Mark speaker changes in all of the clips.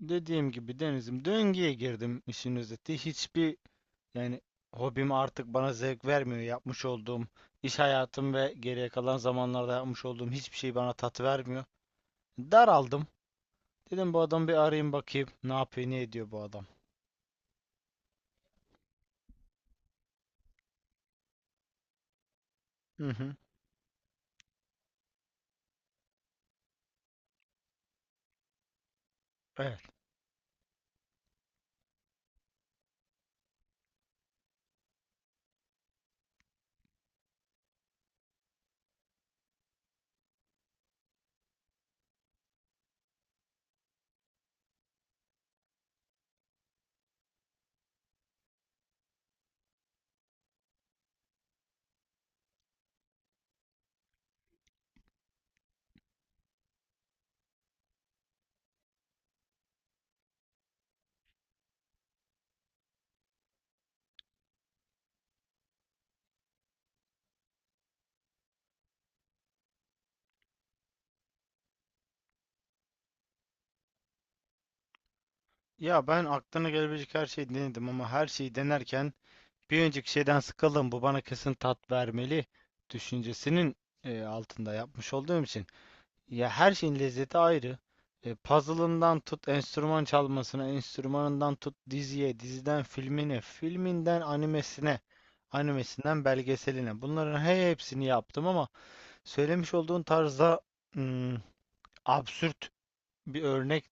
Speaker 1: Dediğim gibi Deniz'im, döngüye girdim işin özeti. Hiçbir, yani hobim artık bana zevk vermiyor. Yapmış olduğum iş hayatım ve geriye kalan zamanlarda yapmış olduğum hiçbir şey bana tat vermiyor. Daraldım. Dedim bu adamı bir arayayım bakayım. Ne yapıyor, ne ediyor bu adam. Hı hı. Evet. Ya ben aklına gelebilecek her şeyi denedim ama her şeyi denerken bir önceki şeyden sıkıldım. Bu bana kesin tat vermeli düşüncesinin altında yapmış olduğum için. Ya her şeyin lezzeti ayrı. Puzzle'ından tut enstrüman çalmasına, enstrümanından tut diziye, diziden filmine, filminden animesine, animesinden belgeseline. Bunların hepsini yaptım ama söylemiş olduğun tarzda hmm, absürt bir örnek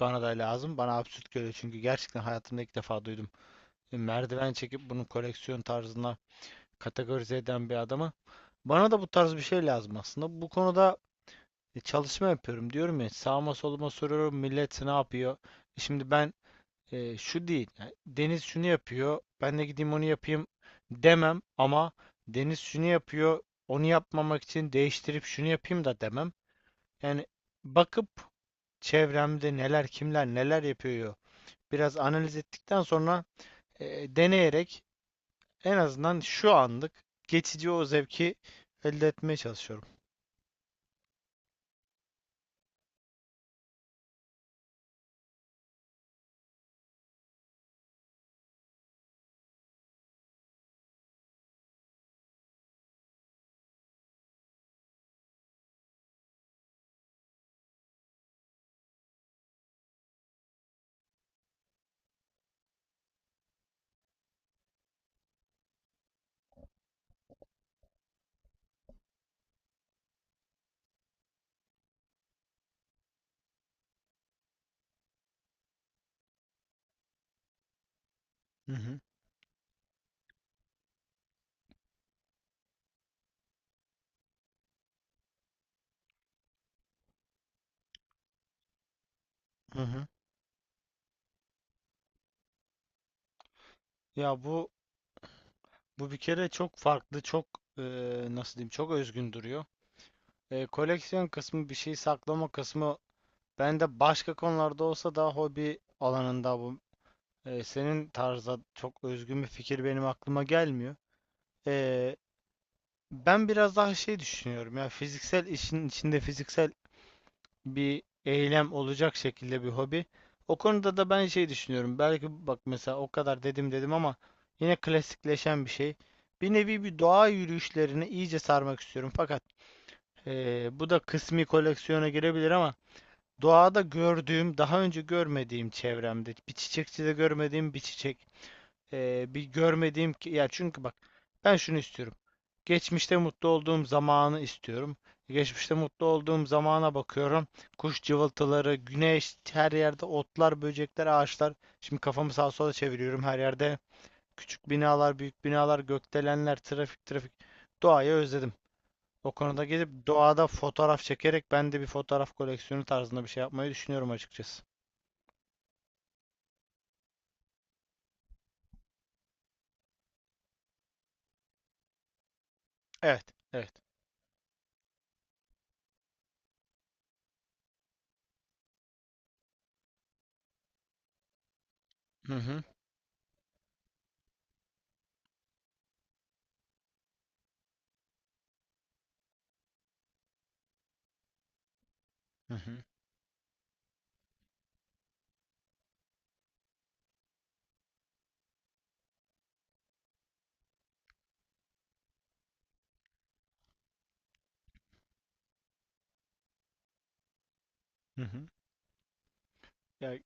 Speaker 1: bana da lazım. Bana absürt geliyor çünkü gerçekten hayatımda ilk defa duydum. Merdiven çekip bunu koleksiyon tarzına kategorize eden bir adamı. Bana da bu tarz bir şey lazım aslında. Bu konuda çalışma yapıyorum, diyorum ya, sağıma soluma soruyorum millet ne yapıyor? Şimdi ben, şu değil yani, Deniz şunu yapıyor ben de gideyim onu yapayım demem ama Deniz şunu yapıyor onu yapmamak için değiştirip şunu yapayım da demem. Yani bakıp çevremde neler, kimler, neler yapıyor biraz analiz ettikten sonra deneyerek en azından şu anlık geçici o zevki elde etmeye çalışıyorum. Hı hı. Hı hı. Ya bu Bu bir kere çok farklı, çok, e, nasıl diyeyim, çok özgün duruyor. Koleksiyon kısmı, bir şey saklama kısmı bende başka konularda olsa da hobi alanında bu. Senin tarza çok özgün bir fikir benim aklıma gelmiyor. E, Ben biraz daha şey düşünüyorum, ya fiziksel işin içinde fiziksel bir eylem olacak şekilde bir hobi. O konuda da ben şey düşünüyorum. Belki bak mesela o kadar dedim dedim ama yine klasikleşen bir şey. Bir nevi bir doğa yürüyüşlerini iyice sarmak istiyorum. Fakat bu da kısmi koleksiyona girebilir ama doğada gördüğüm, daha önce görmediğim, çevremde bir çiçekçide görmediğim bir çiçek, bir görmediğim ki ya, çünkü bak ben şunu istiyorum. Geçmişte mutlu olduğum zamanı istiyorum. Geçmişte mutlu olduğum zamana bakıyorum. Kuş cıvıltıları, güneş, her yerde otlar, böcekler, ağaçlar. Şimdi kafamı sağa sola çeviriyorum her yerde. Küçük binalar, büyük binalar, gökdelenler, trafik, trafik. Doğayı özledim. O konuda gelip doğada fotoğraf çekerek ben de bir fotoğraf koleksiyonu tarzında bir şey yapmayı düşünüyorum açıkçası. Evet, evet. Hı hı, hı hı, hı hı. Ya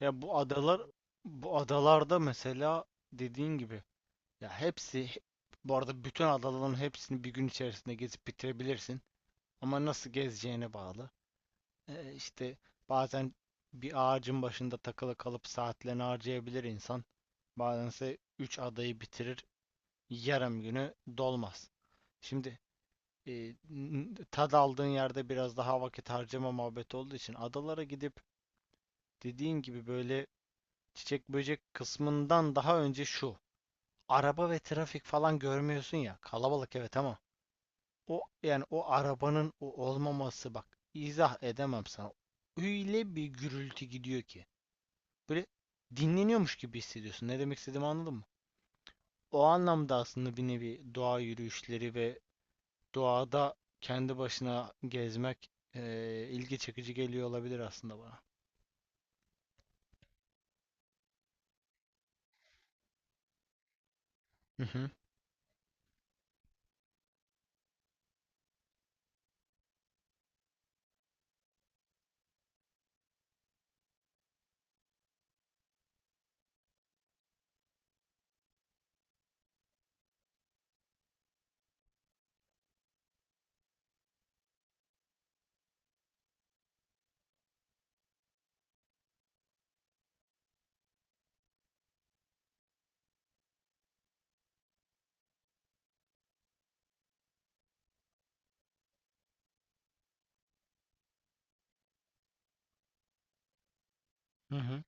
Speaker 1: Ya bu adalar, bu adalarda mesela dediğin gibi, ya hepsi, bu arada bütün adaların hepsini bir gün içerisinde gezip bitirebilirsin. Ama nasıl gezeceğine bağlı. İşte bazen bir ağacın başında takılı kalıp saatlerini harcayabilir insan. Bazense 3 adayı bitirir, yarım günü dolmaz. Şimdi tad aldığın yerde biraz daha vakit harcama muhabbeti olduğu için adalara gidip dediğin gibi böyle çiçek böcek kısmından daha önce şu. Araba ve trafik falan görmüyorsun ya. Kalabalık evet ama o, yani o arabanın o olmaması, bak izah edemem sana. Öyle bir gürültü gidiyor ki. Böyle dinleniyormuş gibi hissediyorsun. Ne demek istediğimi anladın mı? O anlamda aslında bir nevi doğa yürüyüşleri ve doğada kendi başına gezmek ilgi çekici geliyor olabilir aslında bana. Hı hı. Hı hı.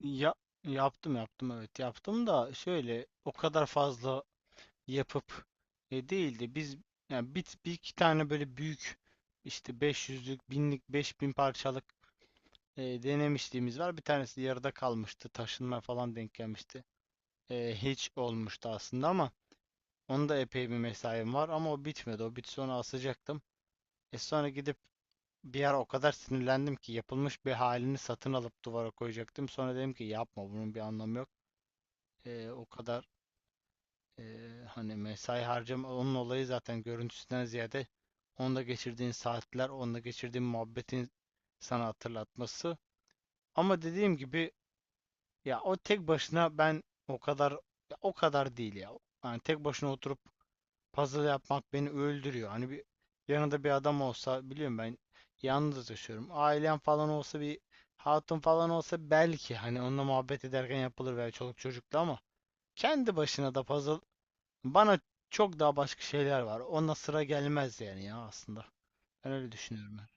Speaker 1: Ya, yaptım yaptım, evet yaptım da, şöyle o kadar fazla yapıp değildi. Biz yani bir iki tane böyle büyük işte 500'lük, 1000'lik, 5000 parçalık denemişliğimiz var. Bir tanesi yarıda kalmıştı. Taşınma falan denk gelmişti. Hiç olmuştu aslında ama onda epey bir mesaim var ama o bitmedi. O bitse onu asacaktım. E, sonra gidip bir ara o kadar sinirlendim ki yapılmış bir halini satın alıp duvara koyacaktım. Sonra dedim ki yapma, bunun bir anlamı yok. O kadar hani mesai harcama, onun olayı zaten görüntüsünden ziyade onda geçirdiğin saatler, onda geçirdiğin muhabbetin sana hatırlatması. Ama dediğim gibi ya o tek başına ben, o kadar, ya o kadar değil ya. Yani tek başına oturup puzzle yapmak beni öldürüyor. Hani bir yanında bir adam olsa, biliyorum ben yalnız yaşıyorum. Ailem falan olsa, bir hatun falan olsa belki, hani onunla muhabbet ederken yapılır veya çoluk çocukla, ama kendi başına da puzzle bana, çok daha başka şeyler var. Ona sıra gelmez yani ya aslında. Ben öyle düşünüyorum ben.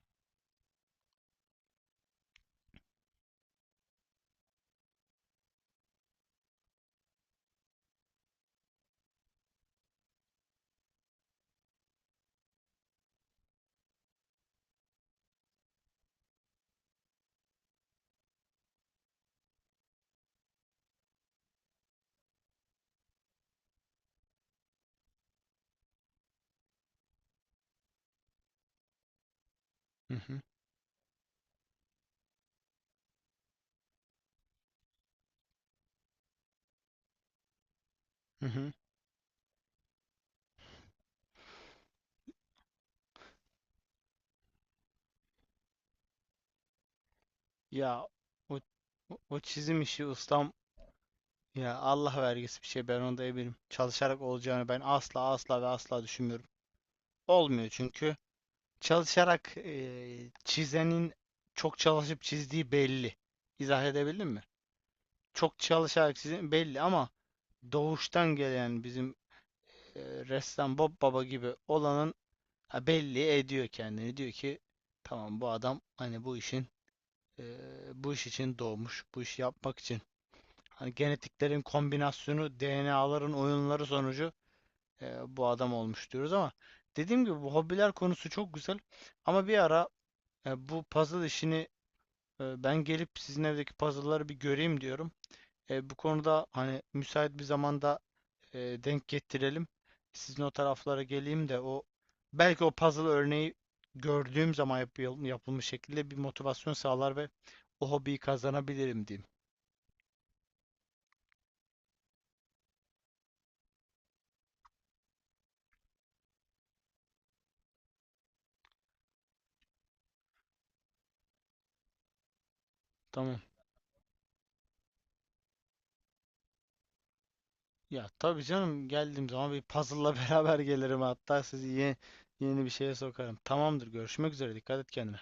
Speaker 1: Hı hı. Hı hı. Ya o, o çizim işi ustam, ya Allah vergisi bir şey, ben onda eminim. Çalışarak olacağını ben asla asla ve asla düşünmüyorum. Olmuyor çünkü çalışarak, çizenin çok çalışıp çizdiği belli. İzah edebildim mi? Çok çalışarak çizdiği belli ama doğuştan gelen bizim e, ressam Bob Baba gibi olanın, ha, belli ediyor kendini. Diyor ki tamam, bu adam hani bu işin eee, bu iş için doğmuş. Bu işi yapmak için. Hani genetiklerin kombinasyonu, DNA'ların oyunları sonucu bu adam olmuş diyoruz ama dediğim gibi bu hobiler konusu çok güzel. Ama bir ara bu puzzle işini, ben gelip sizin evdeki puzzle'ları bir göreyim diyorum. Bu konuda hani müsait bir zamanda denk getirelim. Sizin o taraflara geleyim de o, belki o puzzle örneği gördüğüm zaman yapılmış şekilde bir motivasyon sağlar ve o hobiyi kazanabilirim diyeyim. Tamam. Ya tabii canım, geldiğim zaman bir puzzle'la beraber gelirim, hatta sizi yeni bir şeye sokarım. Tamamdır. Görüşmek üzere. Dikkat et kendine.